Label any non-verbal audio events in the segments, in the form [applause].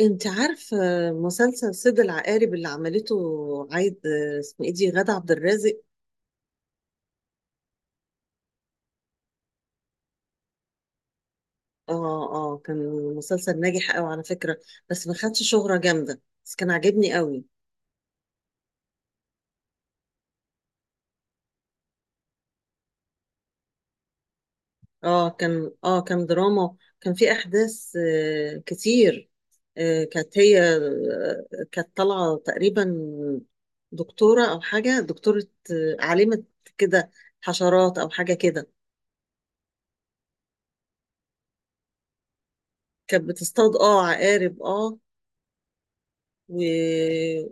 انت عارفه مسلسل صيد العقارب اللي عملته عايد؟ اسمه ايه دي؟ غادة عبد الرازق. اه اه، كان مسلسل ناجح قوي على فكره. بس ما خدش شهره جامده، بس كان عاجبني قوي. اه، كان دراما، كان في احداث كتير. كانت هي، كانت طالعه تقريبا دكتوره او حاجه، دكتوره، عالمه كده، حشرات او حاجه كده. كانت بتصطاد عقارب اه و...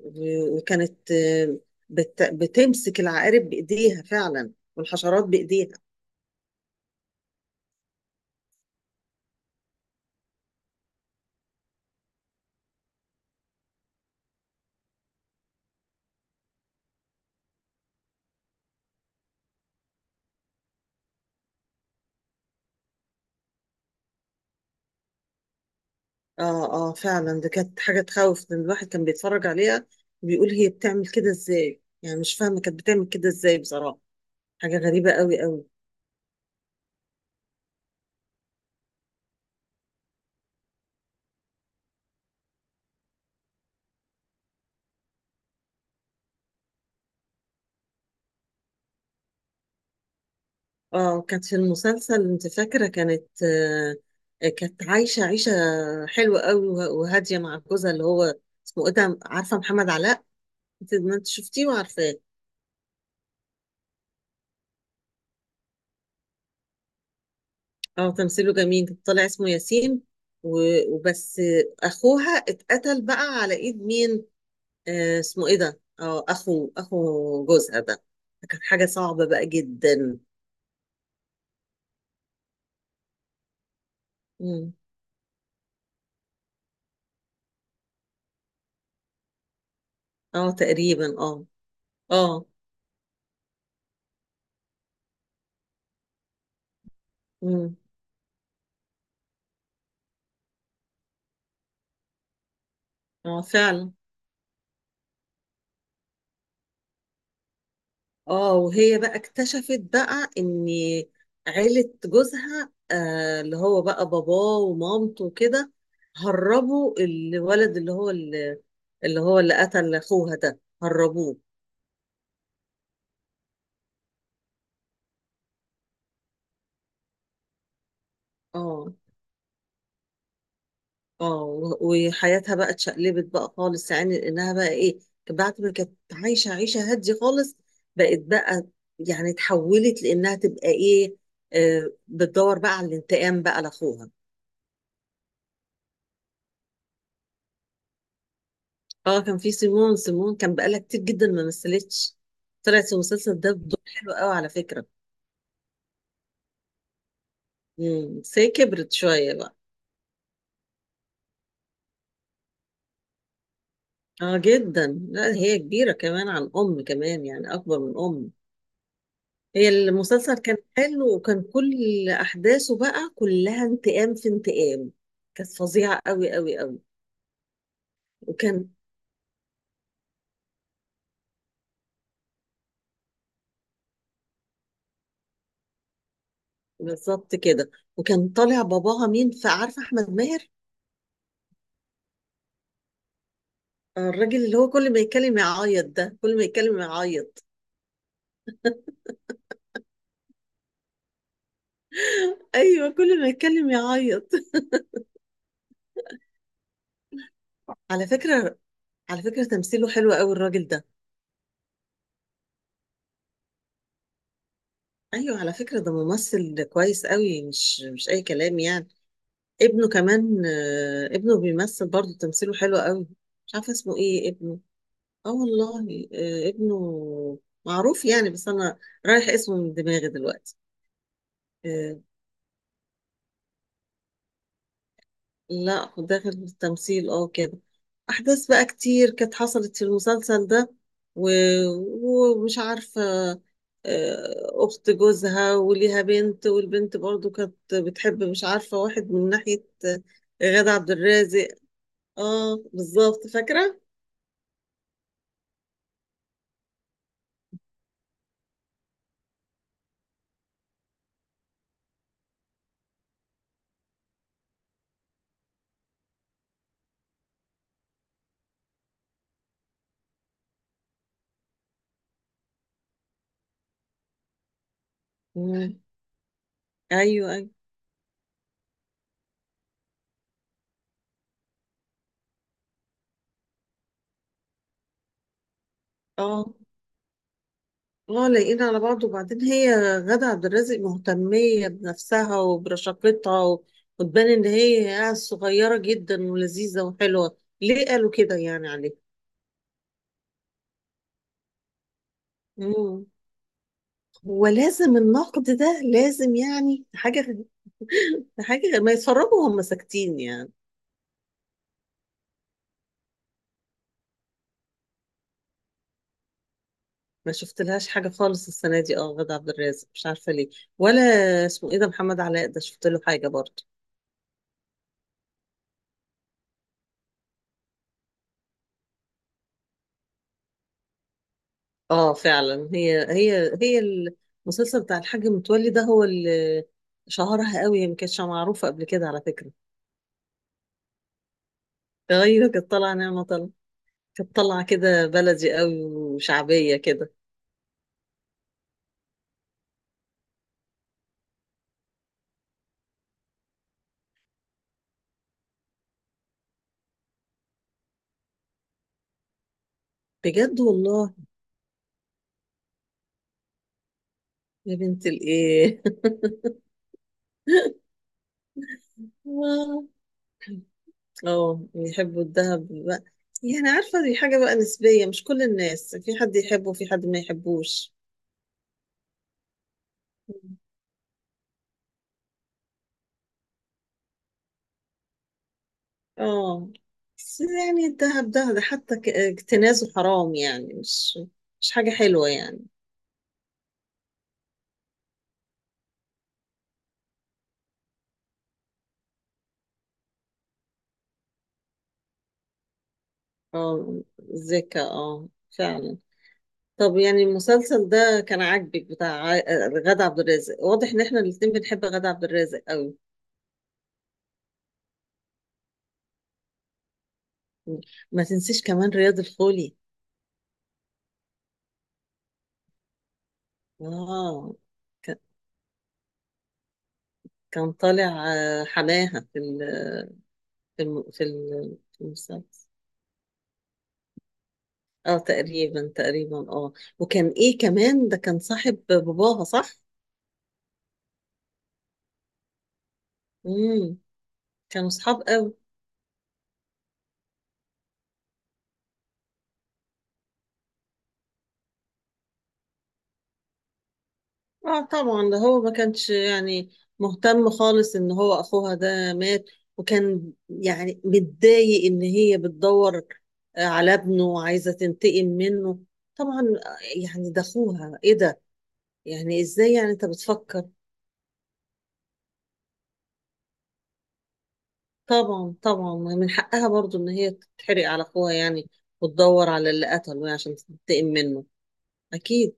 وكانت، بتمسك العقارب بايديها فعلا، والحشرات بايديها. اه اه فعلا، ده كانت حاجه تخوف ان الواحد كان بيتفرج عليها وبيقول هي بتعمل كده ازاي؟ يعني مش فاهمه كانت بتعمل كده ازاي بصراحه. حاجه غريبه قوي قوي. اه، كانت في المسلسل، انت فاكره؟ كانت كانت عايشه عيشه حلوه قوي وهاديه مع جوزها، اللي هو اسمه ايه ده، عارفه؟ محمد علاء. انت ما انت شفتيه وعارفاه. اه، تمثيله جميل، طلع اسمه ياسين. وبس. اخوها اتقتل بقى على ايد مين؟ اسمه ايه ده؟ اه اخو جوزها ده. كانت حاجة صعبة بقى جدا. مم. اه، تقريبا اه اه. مم. اه، فعلا. اه، وهي بقى اكتشفت بقى ان عيلة جوزها، اللي هو بقى، باباه ومامته وكده، هربوا الولد، اللي قتل اخوها ده، هربوه. اه. اه وحياتها بقى اتشقلبت بقى خالص، يعني لانها بقى ايه، بعد ما كانت عايشه عيشه هاديه خالص، بقت بقى، يعني اتحولت، لانها تبقى ايه، بتدور بقى على الانتقام بقى لاخوها. اه، كان في سيمون. سيمون كان بقالها كتير جدا ما مثلتش، طلعت في المسلسل ده بدور حلو قوي على فكره. بس هي كبرت شويه بقى. اه جدا، لا هي كبيره كمان عن ام، كمان يعني اكبر من ام. هي المسلسل كان حلو، وكان كل احداثه بقى كلها انتقام في انتقام، كانت فظيعه قوي قوي قوي. وكان بالظبط كده. وكان طالع باباها مين؟ فعارفه احمد ماهر. الراجل اللي هو كل ما يتكلم يعيط ده، كل ما يتكلم يعيط. ايوه كل ما يتكلم يعيط. [laughs] على فكره، على فكره تمثيله حلو قوي الراجل ده. ايوه على فكره، ده ممثل كويس قوي، مش اي كلام يعني. ابنه كمان، ابنه بيمثل برضه، تمثيله حلو قوي. مش عارفه اسمه ايه ابنه. اه والله. ابنه معروف يعني، بس انا رايح اسمه من دماغي دلوقتي. آه لا، هو داخل في التمثيل كده. احداث بقى كتير كانت حصلت في المسلسل ده. و... ومش عارفه، اخت جوزها وليها بنت، والبنت برضو كانت بتحب مش عارفه واحد من ناحيه، غادة عبد الرازق. اه بالظبط فاكره. مم. ايوه، ايوه. اه اه، لاقيين على بعض. وبعدين هي غادة عبد الرازق مهتمية بنفسها وبرشاقتها، وتبان ان هي صغيرة جدا ولذيذة وحلوة. ليه قالوا كده يعني عليه؟ مم. ولازم النقد ده لازم، يعني [laughs] ما يتفرجوا وهم ساكتين يعني. ما شفت لهاش حاجة خالص السنة دي اه، غادة عبد الرازق مش عارفة ليه. ولا اسمه ايه ده، محمد علاء ده، شفت له حاجة برضه. اه فعلا، هي المسلسل بتاع الحاج متولي ده هو اللي شهرها قوي، هي ما كانتش معروفه قبل كده على فكره. غيره كانت طالعه، نعمه، طالعه كانت طالعه كده بلدي قوي وشعبيه كده. بجد والله. يا بنت الايه. [laughs] اه، يحبوا الذهب بقى، يعني عارفه دي حاجه بقى نسبيه، مش كل الناس، في حد يحبه وفي حد ما يحبوش. اه، بس يعني الذهب ده، حتى اكتنازه حرام يعني، مش مش حاجة حلوة يعني. اه، زكا اه، فعلا. طب يعني المسلسل ده كان عاجبك بتاع غادة عبد الرازق؟ واضح ان احنا الاتنين بنحب غادة عبد الرازق قوي. ما تنسيش كمان رياض الخولي. اه، ك- كان طالع، حماها في المسلسل. اه تقريبا، تقريبا اه. وكان ايه كمان، ده كان صاحب باباها، صح. امم، كانوا صحاب قوي. اه طبعا، ده هو ما كانش يعني مهتم خالص ان هو اخوها ده مات، وكان يعني متضايق ان هي بتدور، على ابنه وعايزه تنتقم منه. طبعا، يعني ده اخوها ايه ده، يعني ازاي، يعني انت بتفكر. طبعا، طبعا، ما من حقها برضو ان هي تتحرق على اخوها يعني، وتدور على اللي قتله يعني عشان تنتقم منه، اكيد.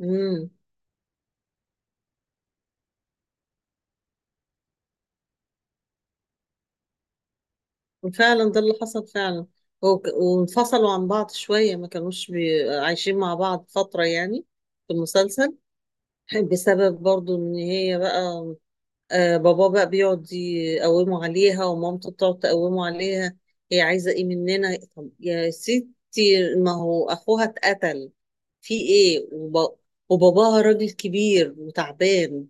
امم. فعلا ده اللي حصل فعلا. وانفصلوا عن بعض شوية، ما كانوش عايشين مع بعض فترة يعني في المسلسل. [laughs] بسبب برضو ان هي بقى، آه بابا بقى بيقعد يقوموا عليها، ومامته بتقعد تقومه عليها. هي عايزة ايه مننا؟ طب يا ستي، ما هو اخوها اتقتل في ايه، وباباها راجل كبير وتعبان.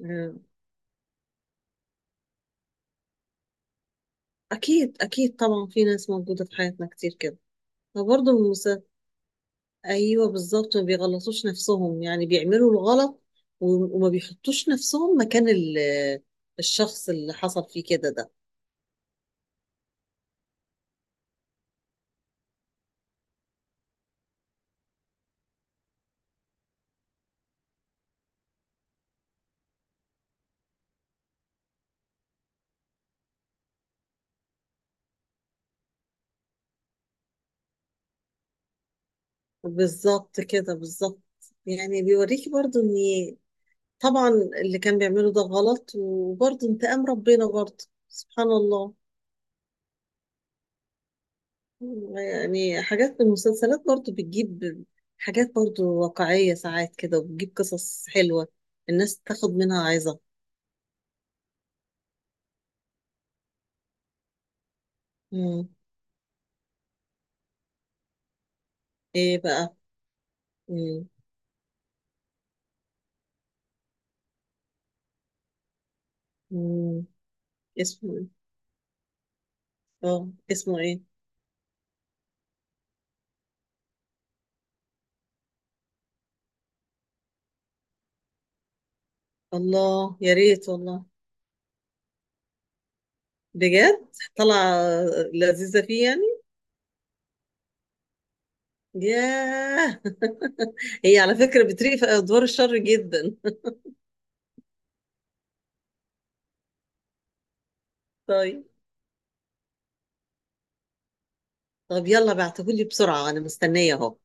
آه. اكيد، اكيد، طبعا، في ناس موجودة في حياتنا كتير كده، فبرضه ايوه بالظبط. ما بيغلطوش نفسهم يعني، بيعملوا الغلط وما بيحطوش نفسهم مكان الشخص اللي حصل فيه كده ده. بالظبط كده، بالظبط. يعني بيوريكي برضو ان، طبعا، اللي كان بيعمله ده غلط، وبرضو انتقام ربنا برضو، سبحان الله. يعني حاجات من المسلسلات برضو بتجيب حاجات برضو واقعية ساعات كده، وبتجيب قصص حلوة الناس تاخد منها عظة. مم. ايه بقى؟ مم. مم. اسمه ايه؟ اه اسمه ايه؟ الله يا ريت والله. بجد؟ طلع لذيذة فيه يعني؟ ياه. [laughs] هي على فكرة بتريق في أدوار الشر جدا. [laughs] طيب. طب يلا بعتهولي بسرعة، أنا مستنية أهو.